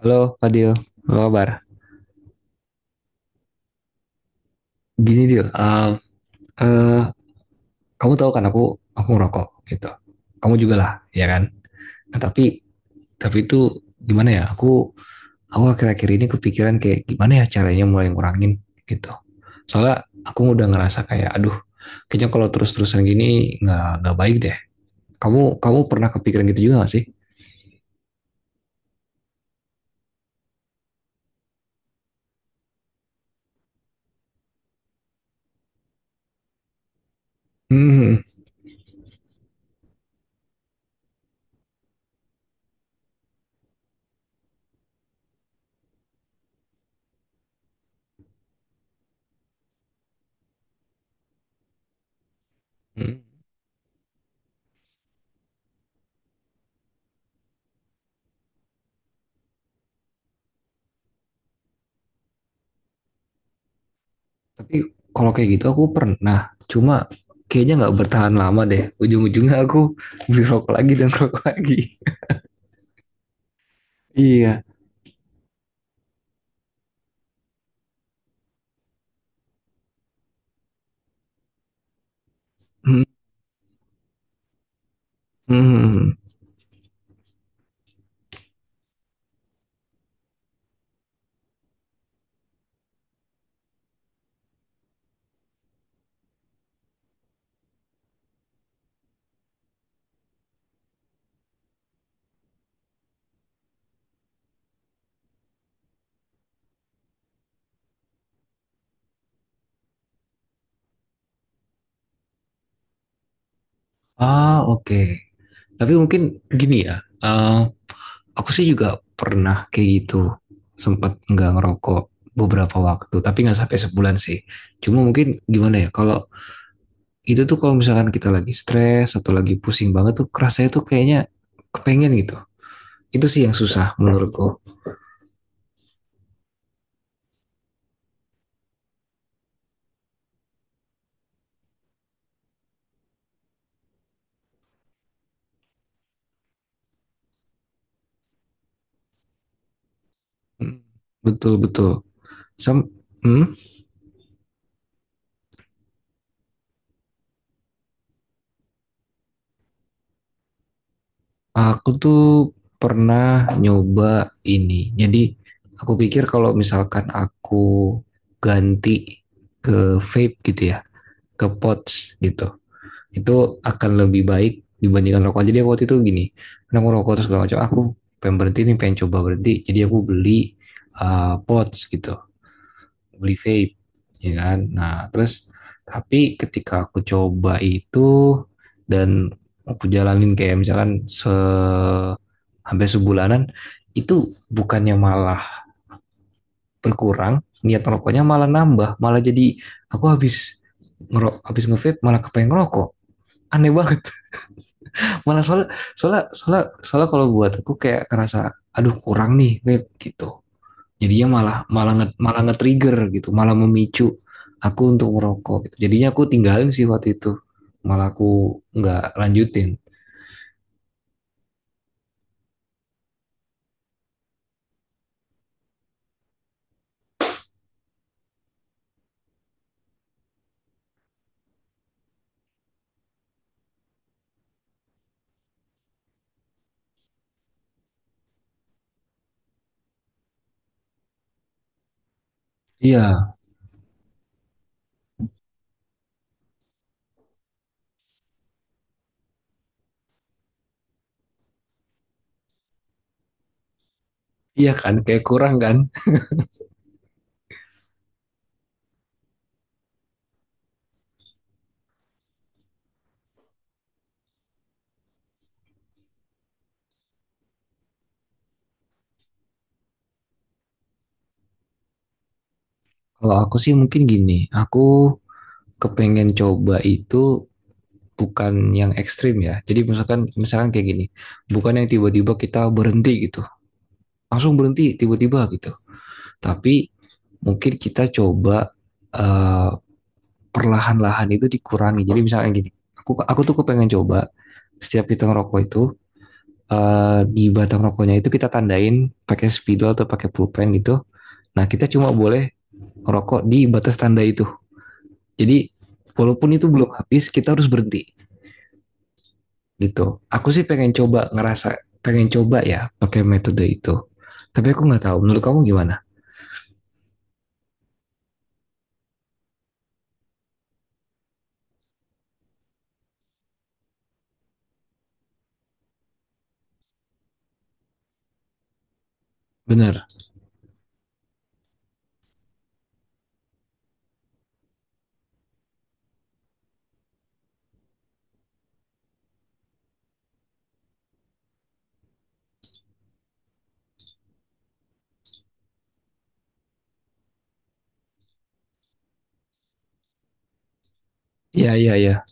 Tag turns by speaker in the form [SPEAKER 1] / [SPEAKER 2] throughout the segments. [SPEAKER 1] Halo Fadil, apa kabar? Gini Dil, eh, kamu tahu kan aku ngerokok gitu. Kamu juga lah, ya kan? Nah, tapi itu gimana ya? Aku akhir-akhir ini kepikiran kayak gimana ya caranya mulai ngurangin gitu. Soalnya aku udah ngerasa kayak aduh, kayaknya kalau terus-terusan gini nggak baik deh. Kamu kamu pernah kepikiran gitu juga gak sih? Hmm. Hmm. Tapi kalau kayak gitu aku pernah. Cuma kayaknya nggak bertahan lama deh. Ujung-ujungnya aku beli rokok lagi dan rokok lagi. Iya. Hmm. Ah, oke. Okay. Tapi mungkin gini ya. eh, aku sih juga pernah kayak gitu. Sempat nggak ngerokok beberapa waktu. Tapi nggak sampai sebulan sih. Cuma mungkin gimana ya. Kalau itu tuh kalau misalkan kita lagi stres atau lagi pusing banget tuh rasanya tuh kayaknya kepengen gitu. Itu sih yang susah menurutku. Hmm, betul betul. Sam, hmm, aku tuh pernah nyoba ini. Jadi aku pikir kalau misalkan aku ganti ke vape gitu ya, ke pods gitu, itu akan lebih baik dibandingkan rokok. Jadi aku waktu itu gini, karena aku rokok terus segala macam. "Ah, aku pengen berhenti nih, pengen coba berhenti. Jadi aku beli pods gitu. Beli vape, ya kan. Nah terus tapi ketika aku coba itu dan aku jalanin kayak misalkan hampir sebulanan, itu bukannya malah berkurang niat rokoknya, malah nambah, malah jadi aku habis habis ngevape malah kepengen ngerokok. Aneh banget. Malah soalnya, soalnya kalau buat aku kayak ngerasa aduh kurang nih vape gitu. Jadinya malah malah nge, malah nge-trigger gitu, malah memicu aku untuk merokok gitu. Jadinya aku tinggalin sih waktu itu, malah aku nggak lanjutin. Iya. Iya kan, kayak kurang kan. Kalau aku sih mungkin gini, aku kepengen coba itu, bukan yang ekstrim ya. Jadi misalkan, kayak gini, bukan yang tiba-tiba kita berhenti gitu, langsung berhenti tiba-tiba gitu, tapi mungkin kita coba, eh, perlahan-lahan itu dikurangi. Jadi misalnya gini, aku tuh kepengen coba, setiap kita ngerokok itu, di batang rokoknya itu kita tandain pakai spidol atau pakai pulpen gitu. Nah, kita cuma boleh ngerokok di batas tanda itu. Jadi walaupun itu belum habis, kita harus berhenti gitu. Aku sih pengen coba, ngerasa pengen coba ya pakai metode itu. Tapi aku nggak tahu. Menurut kamu gimana? Bener. Ya, ya, ya.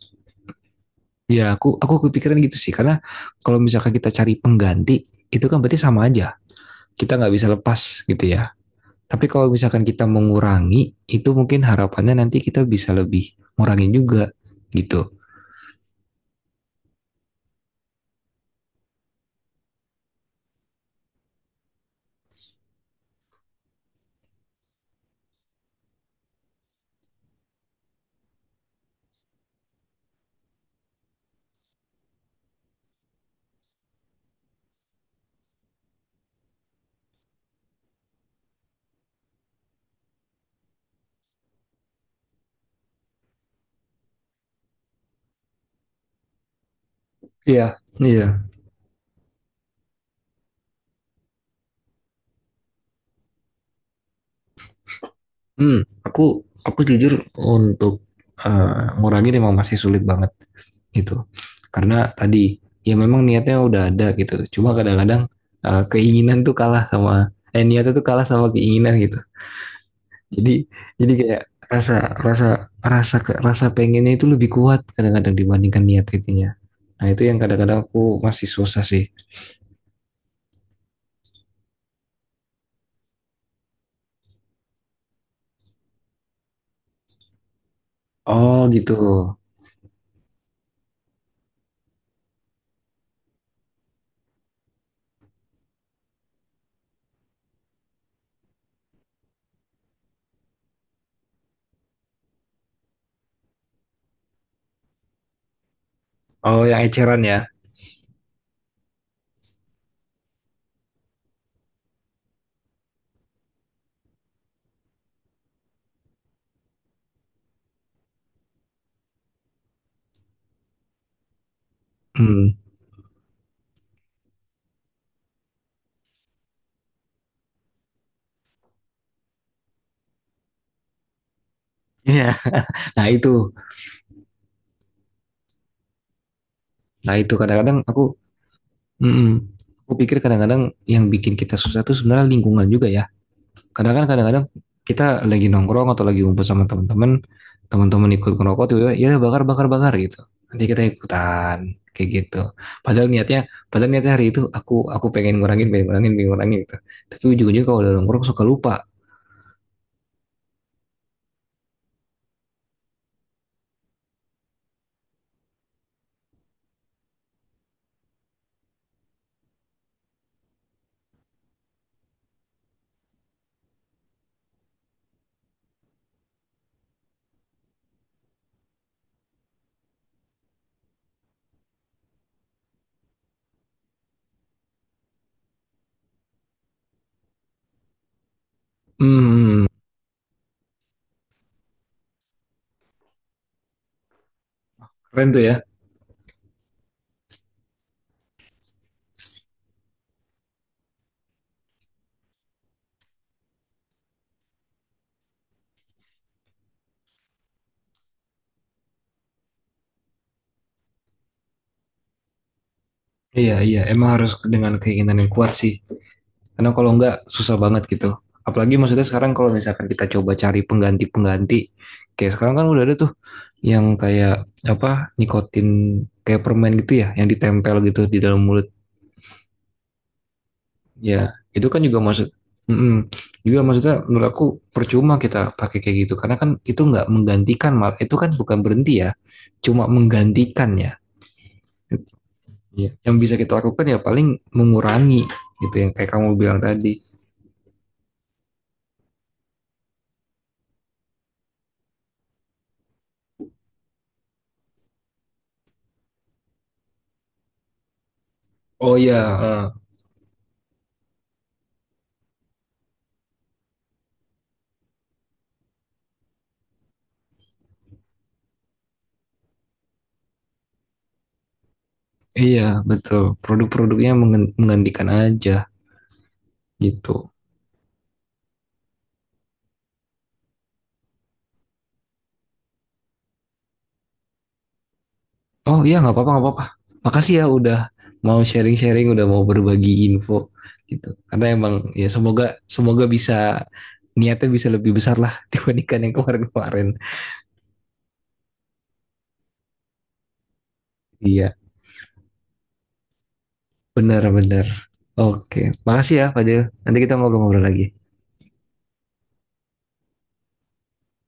[SPEAKER 1] Ya, aku kepikiran gitu sih. Karena kalau misalkan kita cari pengganti, itu kan berarti sama aja. Kita nggak bisa lepas gitu ya. Tapi kalau misalkan kita mengurangi, itu mungkin harapannya nanti kita bisa lebih ngurangin juga gitu. Iya. Iya. Hmm, aku jujur untuk ngurangi memang masih sulit banget gitu. Karena tadi ya memang niatnya udah ada gitu. Cuma kadang-kadang, eh, keinginan tuh kalah sama eh niatnya tuh kalah sama keinginan gitu. Jadi jadi kayak rasa rasa rasa ke- rasa pengennya itu lebih kuat kadang-kadang dibandingkan niat itunya. Nah, itu yang kadang-kadang aku masih susah sih. Oh, gitu. Oh, yang eceran ya. Hmm. Iya. Nah, itu. Nah, itu kadang-kadang aku mm, mm. Aku pikir kadang-kadang yang bikin kita susah tuh sebenarnya lingkungan juga ya. Kadang-kadang kita lagi nongkrong atau lagi ngumpul sama teman-teman, ikut ngerokok tiba-tiba ya bakar bakar bakar gitu, nanti kita ikutan kayak gitu. padahal niatnya Padahal niatnya hari itu aku pengen ngurangin, pengen ngurangin gitu, tapi ujung-ujungnya kalau udah nongkrong suka lupa. Hmm. Keren tuh ya. Iya, iya, emang harus dengan keinginan yang kuat sih. Karena kalau enggak susah banget gitu. Apalagi maksudnya sekarang kalau misalkan kita coba cari pengganti-pengganti. Kayak sekarang kan udah ada tuh yang kayak apa, nikotin kayak permen gitu ya, yang ditempel gitu di dalam mulut. Ya itu kan juga maksud mm-mm, juga maksudnya menurut aku percuma kita pakai kayak gitu, karena kan itu nggak menggantikan, mal itu kan bukan berhenti ya, cuma menggantikan ya. Iya, yang bisa kita lakukan ya paling mengurangi gitu, yang kayak kamu bilang tadi. Oh ya. Iya, betul. Menggantikan aja gitu. Oh iya, nggak apa-apa, nggak apa-apa. Makasih ya udah mau sharing-sharing, udah mau berbagi info gitu. Karena emang ya, semoga, semoga bisa niatnya bisa lebih besar lah dibandingkan yang kemarin-kemarin. Iya, benar-benar. Oke, makasih ya Fadil. Nanti kita ngobrol-ngobrol lagi.